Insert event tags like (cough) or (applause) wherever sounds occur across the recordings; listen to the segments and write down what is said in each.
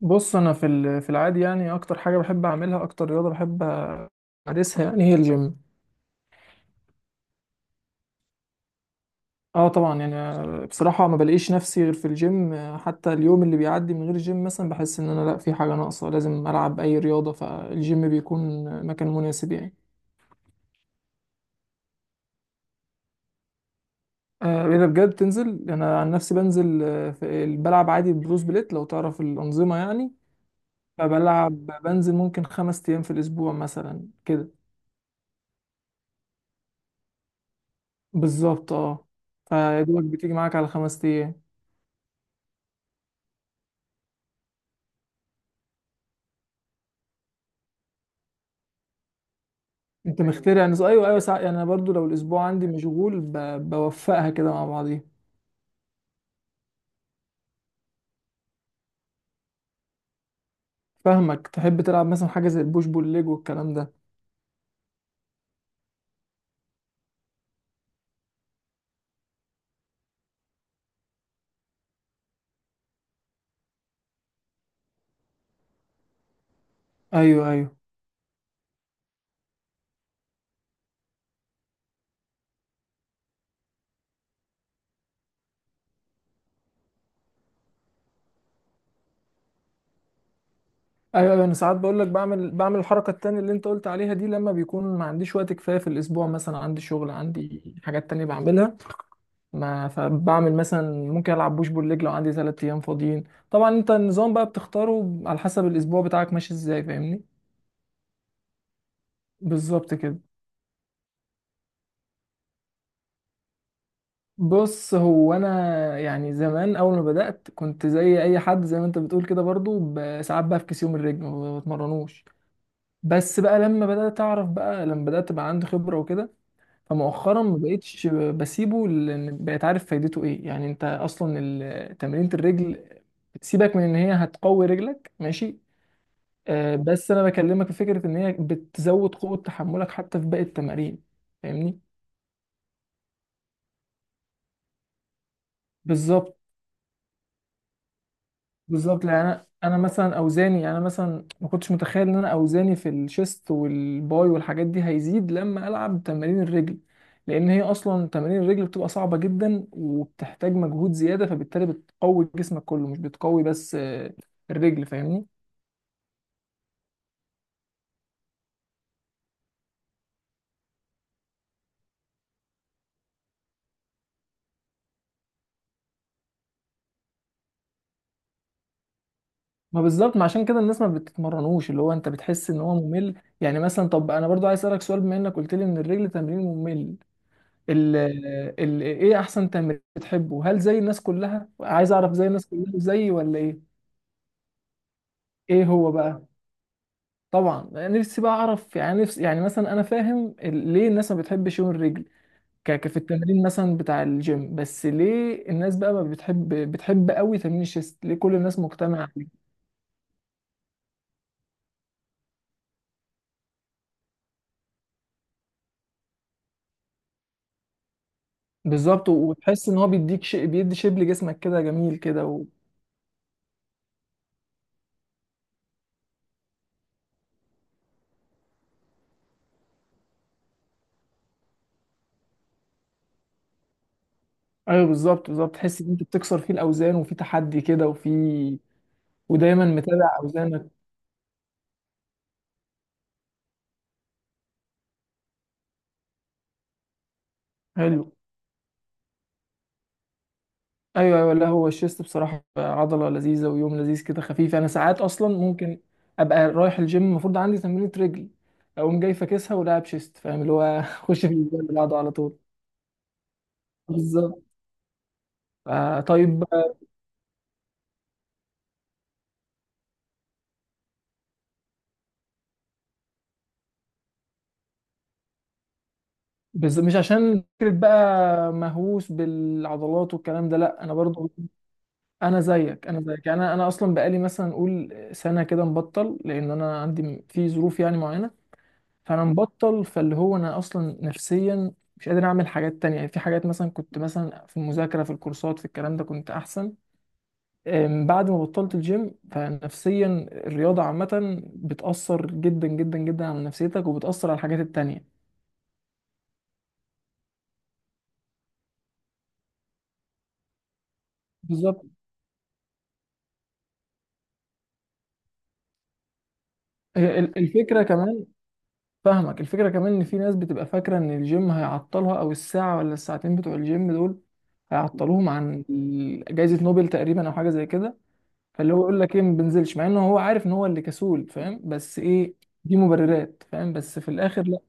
بص، انا في العادي يعني اكتر حاجه بحب اعملها، اكتر رياضه بحب امارسها يعني هي الجيم. اه طبعا، يعني بصراحه ما بلاقيش نفسي غير في الجيم، حتى اليوم اللي بيعدي من غير الجيم مثلا بحس ان انا لا، في حاجه ناقصه لازم العب اي رياضه، فالجيم بيكون مكان مناسب يعني. اذا بجد تنزل، انا عن نفسي بنزل، في بلعب عادي بروس بليت لو تعرف الانظمه يعني، فبلعب بنزل ممكن 5 ايام في الاسبوع مثلا كده. بالظبط اه. فيا دوبك بتيجي معاك على 5 ايام. انت فاهمني مخترع يعني، ايوه ايوه ساعة، يعني انا برضو لو الاسبوع عندي مشغول بوفقها كده مع بعضيها. فاهمك، تحب تلعب مثلا حاجه زي البوش بول ليج والكلام ده. ايوه ايوه. ايوه ايوه، انا ساعات بقول لك بعمل الحركه التانية اللي انت قلت عليها دي لما بيكون ما عنديش وقت كفايه في الاسبوع، مثلا عندي شغل، عندي حاجات تانية بعملها، ما فبعمل مثلا ممكن العب بوش بول ليج لو عندي 3 ايام فاضيين. طبعا انت النظام بقى بتختاره على حسب الاسبوع بتاعك ماشي ازاي، فاهمني. بالظبط كده. بص هو انا يعني زمان اول ما بدات كنت زي اي حد زي ما انت بتقول كده برضو، ساعات بفكس يوم الرجل ما بتمرنوش. بس بقى لما بدات اعرف بقى، لما بدات بقى عندي خبره وكده، فمؤخرا ما بقتش بسيبه، لان بقيت عارف فايدته ايه. يعني انت اصلا تمرينة الرجل، سيبك من ان هي هتقوي رجلك ماشي، بس انا بكلمك في فكره ان هي بتزود قوه تحملك حتى في باقي التمارين، فاهمني. بالظبط. بالظبط، لان انا مثلا اوزاني، يعني انا مثلا ما كنتش متخيل ان انا اوزاني في الشيست والباي والحاجات دي هيزيد لما العب تمارين الرجل، لان هي اصلا تمارين الرجل بتبقى صعبه جدا وبتحتاج مجهود زياده، فبالتالي بتقوي جسمك كله مش بتقوي بس الرجل، فاهمني. ما بالظبط، ما عشان كده الناس ما بتتمرنوش، اللي هو انت بتحس ان هو ممل يعني. مثلا طب انا برضو عايز اسالك سؤال، بما انك قلت لي ان الرجل تمرين ممل، ال ال ايه احسن تمرين بتحبه؟ هل زي الناس كلها؟ عايز اعرف زي الناس كلها زي ولا ايه؟ ايه هو بقى؟ طبعا نفسي بقى اعرف يعني، نفسي يعني مثلا انا فاهم ليه الناس ما بتحبش يوم الرجل في التمرين مثلا بتاع الجيم، بس ليه الناس بقى ما بتحب بتحب قوي تمرين الشيست؟ ليه كل الناس مجتمعة عليه؟ بالظبط، وتحس ان هو بيديك شيء بيدي شيب لجسمك كده جميل كده. ايوه بالظبط بالظبط، تحس ان انت بتكسر فيه الاوزان، وفي تحدي كده، وفي، ودايما متابع اوزانك. حلو. ايوه ايوه، لا هو الشيست بصراحه عضله لذيذه، ويوم لذيذ كده خفيف، انا ساعات اصلا ممكن ابقى رايح الجيم المفروض عندي تمرينة رجل، اقوم جاي فاكسها ولاعب شيست، فاهم اللي هو (laughs) اخش في الجيم اللي بعده على طول. بالظبط. آه طيب. مش عشان فكره بقى مهووس بالعضلات والكلام ده، لا، انا برضو انا زيك، انا زيك يعني، انا اصلا بقالي مثلا نقول سنه كده مبطل، لان انا عندي في ظروف يعني معينه، فانا مبطل، فاللي هو انا اصلا نفسيا مش قادر اعمل حاجات تانية، يعني في حاجات مثلا كنت مثلا في المذاكرة في الكورسات في الكلام ده كنت احسن. بعد ما بطلت الجيم فنفسيا، الرياضة عامة بتأثر جدا جدا جدا على نفسيتك، وبتأثر على الحاجات التانية. بالظبط. هي الفكرة كمان، فاهمك، الفكرة كمان ان في ناس بتبقى فاكرة ان الجيم هيعطلها، او الساعة ولا الساعتين بتوع الجيم دول هيعطلوهم عن جايزة نوبل تقريبا، او حاجة زي كده. فاللي هو يقول لك ايه، ما بنزلش، مع انه هو عارف ان هو اللي كسول، فاهم؟ بس ايه، دي مبررات، فاهم، بس في الاخر لا.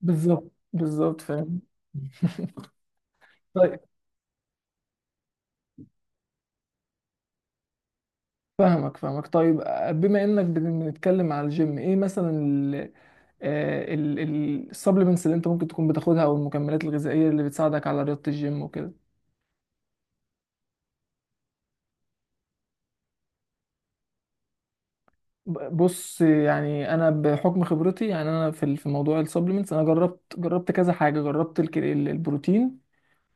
بالظبط بالظبط، فاهم. طيب. فاهمك فاهمك. طيب، بما انك بنتكلم على الجيم، ايه مثلا السبلمنتس اللي انت ممكن تكون بتاخدها، او المكملات الغذائيه اللي بتساعدك على رياضه الجيم وكده؟ بص يعني انا بحكم خبرتي، يعني انا في في موضوع السبلمنتس انا جربت كذا حاجه، جربت البروتين،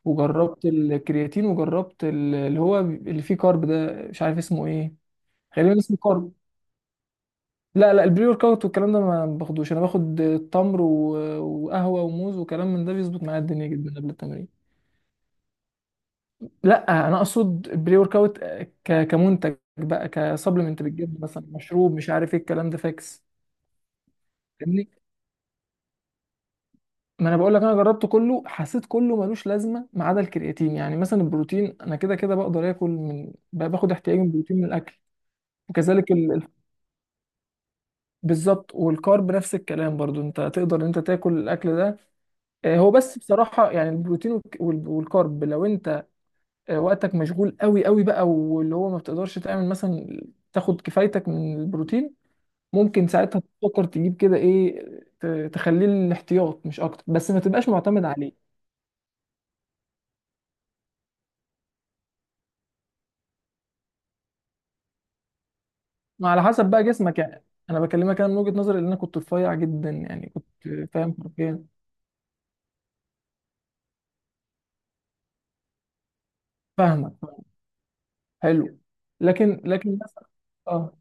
وجربت الكرياتين، وجربت اللي هو اللي فيه كارب ده مش عارف اسمه ايه، غالبا اسمه كارب. لا لا، البري ورك اوت والكلام ده ما باخدوش، انا باخد تمر وقهوه وموز وكلام من ده، بيظبط معايا الدنيا جدا قبل التمرين. لا انا اقصد البري ورك اوت كمنتج بقى، كسبلمنت بتجيب مثلا مشروب مش عارف ايه الكلام ده فاكس، فاهمني. ما انا بقول لك، انا جربت كله، حسيت كله ملوش لازمه ما عدا الكرياتين. يعني مثلا البروتين انا كده كده بقدر اكل، من باخد احتياجي من البروتين من الاكل، وكذلك بالظبط. والكارب نفس الكلام برضو، انت تقدر ان انت تاكل الاكل ده. هو بس بصراحه يعني، البروتين والكارب لو انت وقتك مشغول قوي قوي بقى، واللي هو ما بتقدرش تعمل مثلا تاخد كفايتك من البروتين، ممكن ساعتها تفكر تجيب كده ايه، ت- تخليه الاحتياط مش اكتر، بس ما تبقاش معتمد عليه. ما على حسب بقى جسمك يعني، انا بكلمك انا من وجهه نظري ان انا كنت رفيع جدا يعني، كنت فاهم حرفيا. فاهمك فاهمك. حلو. لكن مثلا، آه.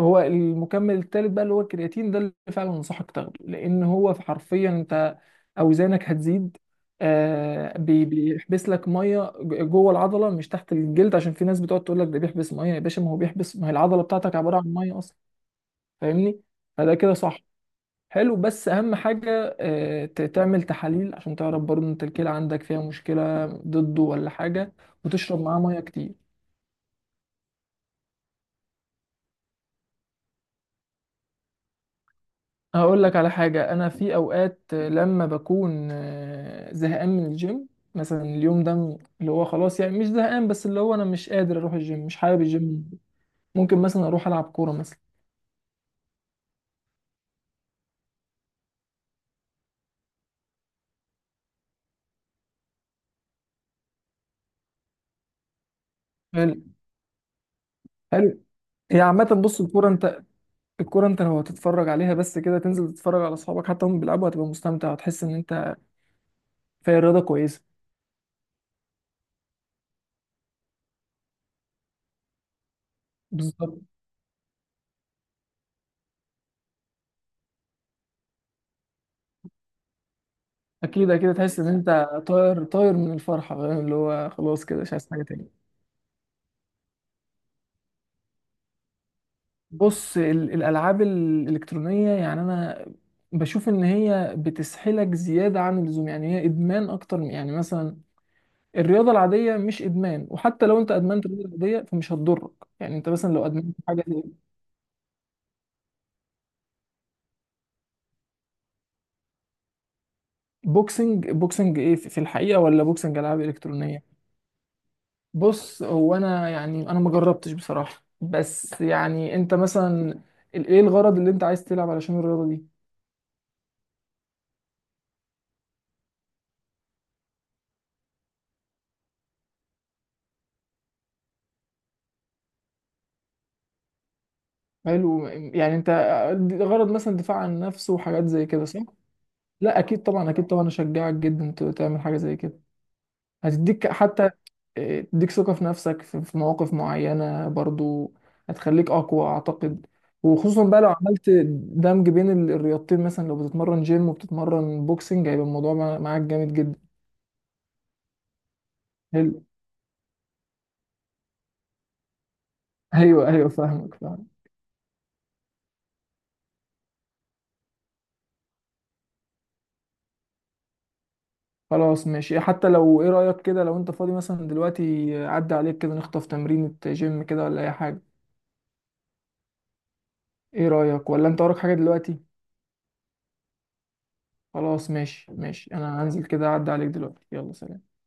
هو المكمل الثالث بقى اللي هو الكرياتين ده اللي فعلا انصحك تاخده، لان هو في حرفيا انت اوزانك هتزيد، بيحبس لك ميه جوه العضله مش تحت الجلد، عشان في ناس بتقعد تقول لك ده بيحبس ميه يا باشا، ما هو بيحبس، ما هي العضله بتاعتك عباره عن ميه اصلا، فاهمني. فده كده صح. حلو، بس اهم حاجه آه تعمل تحاليل عشان تعرف برضه انت الكلى عندك فيها مشكله ضده ولا حاجه، وتشرب معاه ميه كتير. هقول لك على حاجة، أنا في أوقات لما بكون زهقان من الجيم، مثلا اليوم ده، اللي هو خلاص يعني مش زهقان، بس اللي هو أنا مش قادر أروح الجيم، مش حابب الجيم، ممكن مثلا أروح ألعب كورة مثلا. حلو. حلو، هي عامة بص الكورة أنت، الكورة أنت لو هتتفرج عليها بس كده، تنزل تتفرج على أصحابك حتى هم بيلعبوا، هتبقى مستمتع وتحس إن أنت في رياضة كويسة. بالظبط. أكيد أكيد، تحس إن أنت طاير طاير من الفرحة، فاهم؟ اللي هو خلاص كده مش عايز حاجة تاني. بص الالعاب الالكترونيه يعني انا بشوف ان هي بتسحلك زياده عن اللزوم، يعني هي ادمان اكتر يعني مثلا الرياضه العاديه مش ادمان، وحتى لو انت ادمنت الرياضه العاديه فمش هتضرك. يعني انت مثلا لو ادمنت حاجه زي بوكسنج، بوكسنج ايه؟ في في الحقيقه، ولا بوكسنج العاب الكترونيه؟ بص هو انا يعني انا ما جربتش بصراحه، بس يعني انت مثلا ايه الغرض اللي انت عايز تلعب علشان الرياضه دي؟ حلو، يعني انت غرض مثلا دفاع عن النفس وحاجات زي كده صح؟ لا اكيد طبعا، اكيد طبعا اشجعك جدا تعمل حاجه زي كده، هتديك حتى، إيه، تديك ثقه في نفسك في في مواقف معينه برضو، هتخليك اقوى اعتقد. وخصوصا بقى لو عملت دمج بين الرياضتين، مثلا لو بتتمرن جيم وبتتمرن بوكسنج، هيبقى الموضوع معاك جامد جدا. حلو، ايوه ايوه فاهمك فاهم. خلاص ماشي، حتى لو ايه رايك كده لو انت فاضي مثلا دلوقتي عدى عليك كده نخطف تمرينة جيم كده ولا اي حاجه؟ ايه رايك، ولا انت وراك حاجه دلوقتي؟ خلاص ماشي ماشي، انا هنزل كده اعدي عليك دلوقتي، يلا سلام.